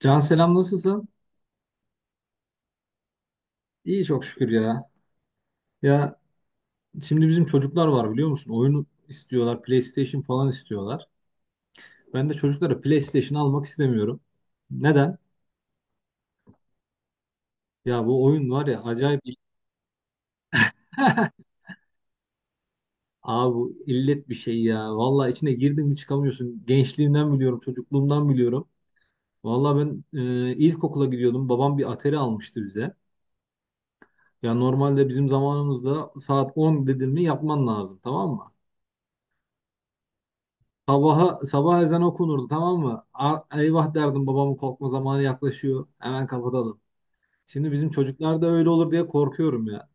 Can selam nasılsın? İyi çok şükür ya. Ya şimdi bizim çocuklar var biliyor musun? Oyun istiyorlar, PlayStation falan istiyorlar. Ben de çocuklara PlayStation almak istemiyorum. Neden? Ya bu oyun var ya acayip. Abi bu illet bir şey ya. Vallahi içine girdin mi çıkamıyorsun. Gençliğimden biliyorum, çocukluğumdan biliyorum. Vallahi ben ilkokula gidiyordum. Babam bir Atari almıştı bize. Ya normalde bizim zamanımızda saat 10 dedin mi yapman lazım tamam mı? Sabaha, sabah ezan okunurdu tamam mı? Eyvah derdim babamın korkma zamanı yaklaşıyor. Hemen kapatalım. Şimdi bizim çocuklar da öyle olur diye korkuyorum ya.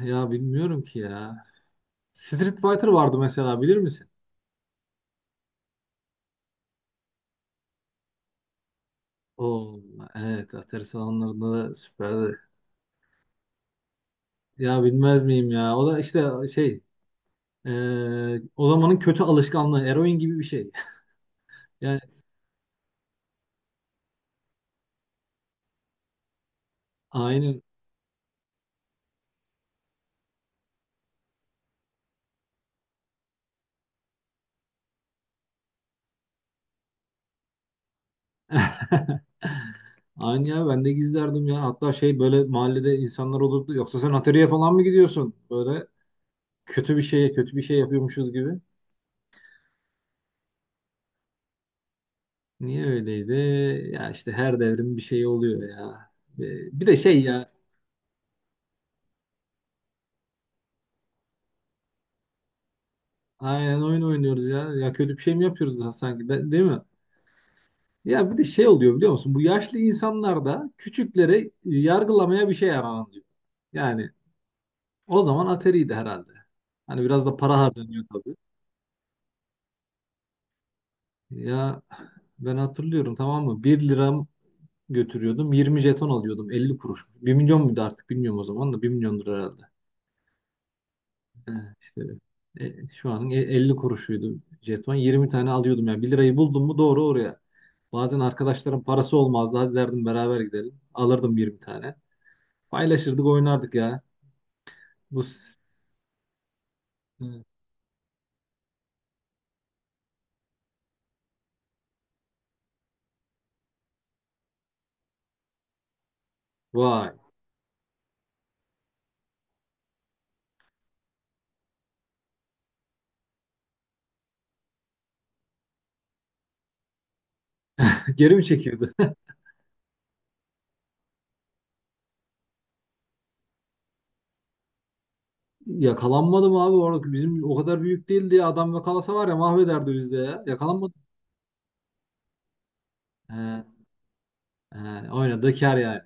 Ya bilmiyorum ki ya. Street Fighter vardı mesela bilir misin? Oo, evet Atari salonlarında da süperdi. Ya bilmez miyim ya? O da işte şey o zamanın kötü alışkanlığı eroin gibi bir şey. Yani aynen. Aynı ya ben de gizlerdim ya. Hatta şey böyle mahallede insanlar olurdu. Yoksa sen atölyeye falan mı gidiyorsun? Böyle kötü bir şeye kötü bir şey yapıyormuşuz gibi. Niye öyleydi? Ya işte her devrim bir şey oluyor ya. Bir de şey ya. Aynen oyun oynuyoruz ya. Ya kötü bir şey mi yapıyoruz da sanki değil mi? Ya bir de şey oluyor biliyor musun? Bu yaşlı insanlar da küçükleri yargılamaya bir şey yaranıyor. Yani o zaman ateriydi herhalde. Hani biraz da para harcanıyor tabii. Ya ben hatırlıyorum tamam mı? Bir liram götürüyordum. 20 jeton alıyordum. 50 kuruş. Bir milyon muydu artık bilmiyorum o zaman da 1 milyondur herhalde. He, işte şu anın 50 kuruşuydu jeton. 20 tane alıyordum ya. Bir lirayı buldum mu doğru oraya. Bazen arkadaşlarım parası olmazdı. Hadi derdim beraber gidelim. Alırdım 20 tane. Paylaşırdık oynardık ya. Bu s- Hı. Vay. Geri mi çekiyordu? Yakalanmadım abi orada. Bizim o kadar büyük değildi ya. Adam yakalasa var ya mahvederdi bizde ya. Yakalanmadım. He. He, oynadığı kar yani.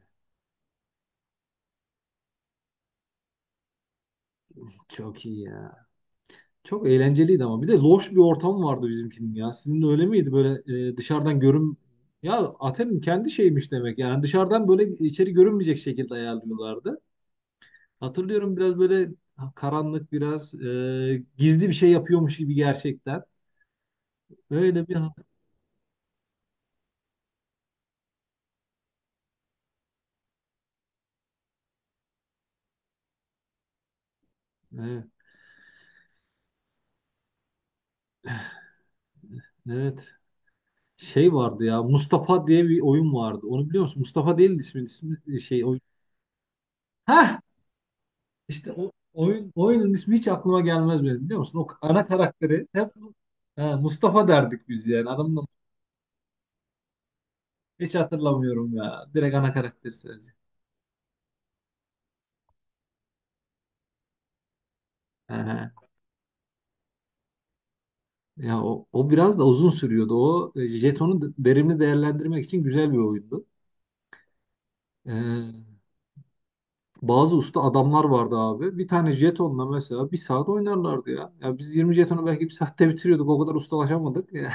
Çok iyi ya. Çok eğlenceliydi ama. Bir de loş bir ortam vardı bizimkinin ya. Sizin de öyle miydi? Böyle dışarıdan görün... Ya Aten'in kendi şeymiş demek. Yani dışarıdan böyle içeri görünmeyecek şekilde ayarlıyorlardı. Hatırlıyorum biraz böyle karanlık biraz gizli bir şey yapıyormuş gibi gerçekten. Öyle bir... Evet, evet. Şey vardı ya. Mustafa diye bir oyun vardı. Onu biliyor musun? Mustafa değildi ismin, ismi şey oyun. İşte o oyun oyunun ismi hiç aklıma gelmez benim biliyor musun? O ana karakteri hep ha, Mustafa derdik biz yani. Adamın da hiç hatırlamıyorum ya. Direkt ana karakteri sadece. Aha. Ya o biraz da uzun sürüyordu. O jetonu verimli değerlendirmek için güzel bir oyundu. Ee, Bazı usta adamlar vardı abi. Bir tane jetonla mesela bir saat oynarlardı ya. Ya biz 20 jetonu belki bir saatte bitiriyorduk. O kadar ustalaşamadık. Ya.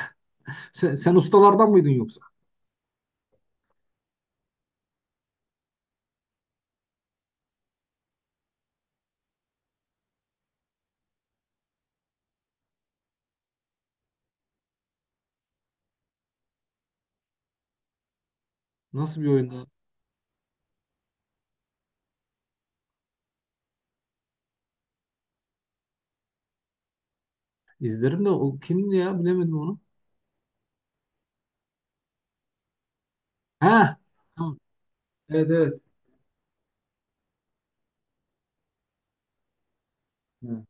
Sen ustalardan mıydın yoksa? Nasıl bir oyundu? İzlerim de o kimdi ya bilemedim onu. Ha, tamam. Evet evet. Hı.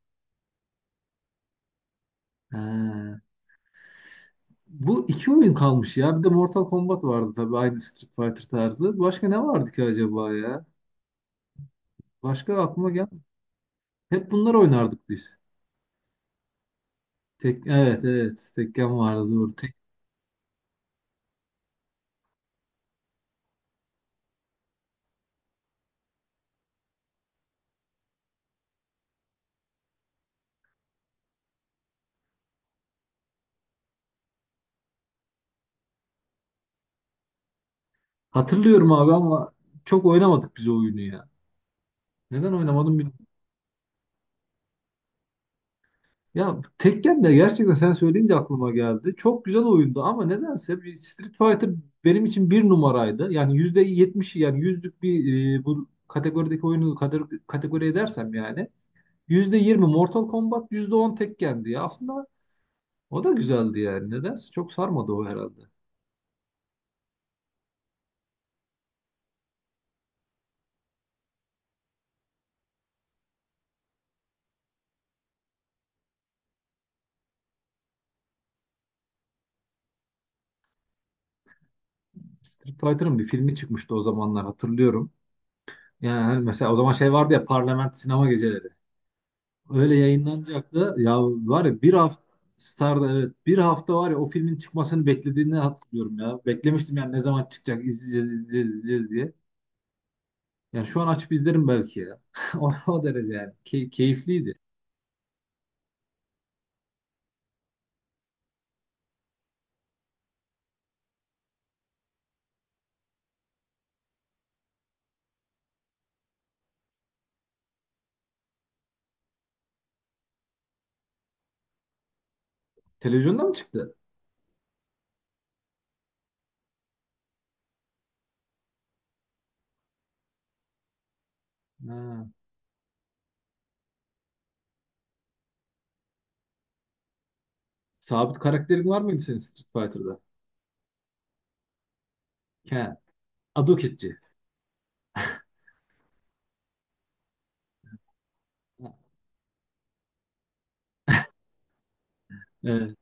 Ha. Bu iki oyun kalmış ya. Bir de Mortal Kombat vardı tabii aynı Street Fighter tarzı. Başka ne vardı ki acaba ya? Başka aklıma gel. Hep bunlar oynardık biz. Evet evet. Tekken vardı doğru. Hatırlıyorum abi ama çok oynamadık biz o oyunu ya. Neden oynamadım. Ya Tekken de gerçekten sen söyleyince aklıma geldi. Çok güzel oyundu ama nedense bir Street Fighter benim için bir numaraydı. Yani %70'i yani yüzlük bir bu kategorideki oyunu kategori edersem yani %20 Mortal Kombat, %10 Tekken'di ya. Aslında o da güzeldi yani. Nedense çok sarmadı o herhalde. Street Fighter'ın bir filmi çıkmıştı o zamanlar hatırlıyorum. Yani hani mesela o zaman şey vardı ya Parlament sinema geceleri. Öyle yayınlanacak da ya var ya bir hafta Star'da evet bir hafta var ya o filmin çıkmasını beklediğini hatırlıyorum ya. Beklemiştim yani ne zaman çıkacak izleyeceğiz izleyeceğiz izleyeceğiz diye. Yani şu an açıp izlerim belki ya. O derece yani. Keyifliydi. Televizyonda mı çıktı? Ha. Sabit karakterin var mıydı senin Street Fighter'da? He. Adoketçi. Evet.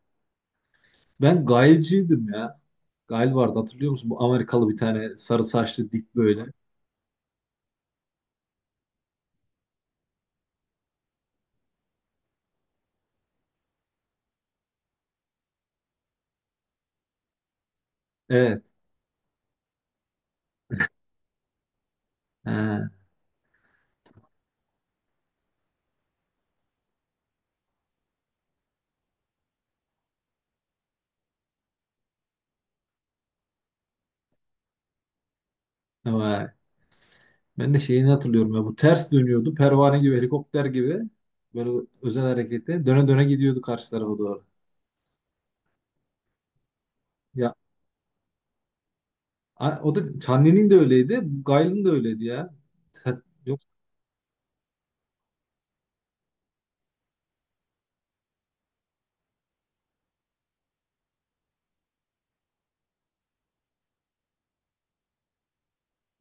Ben Gail'ciydim ya. Gail vardı hatırlıyor musun? Bu Amerikalı bir tane sarı saçlı dik böyle. Evet. He. Ben de şeyini hatırlıyorum ya bu ters dönüyordu. Pervane gibi helikopter gibi böyle özel harekette döne döne gidiyordu karşı tarafa doğru. Ya o da Çanlı'nın de öyleydi. Gayl'ın da öyleydi ya. Yok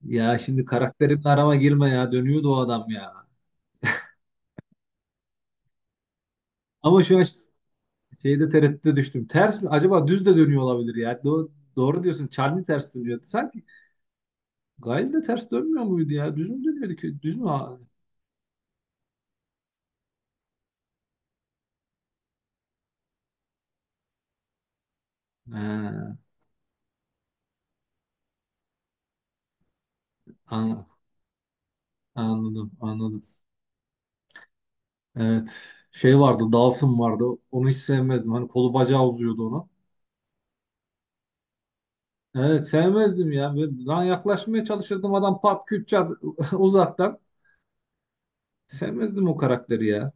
ya şimdi karakterimle arama girme ya. Dönüyordu o adam ya. Ama şu an şeyde tereddüte düştüm. Ters mi? Acaba düz de dönüyor olabilir ya. Doğru diyorsun. Çanlı ters dönüyordu. Sanki Gayl de ters dönmüyor muydu ya? Düz mü dönüyordu ki? Düz mü? Ha, anladım, anladım. Evet. Şey vardı, Dawson vardı. Onu hiç sevmezdim. Hani kolu bacağı uzuyordu onu. Evet, sevmezdim ya. Ben yaklaşmaya çalışırdım adam pat küt çat uzaktan. Sevmezdim o karakteri ya.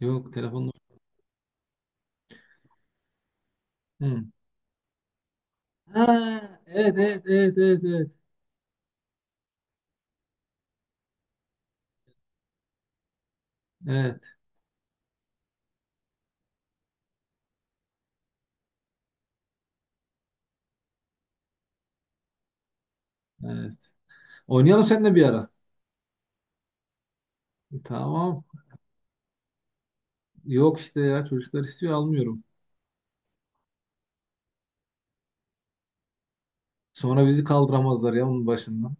Yok telefonla. Hı. Ha, evet, evet, evet, evet, evet. Evet, evet. Oynayalım seninle bir ara. Tamam. Yok işte ya çocuklar istiyor almıyorum. Sonra bizi kaldıramazlar ya onun başından.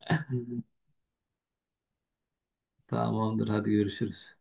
Tamamdır hadi görüşürüz.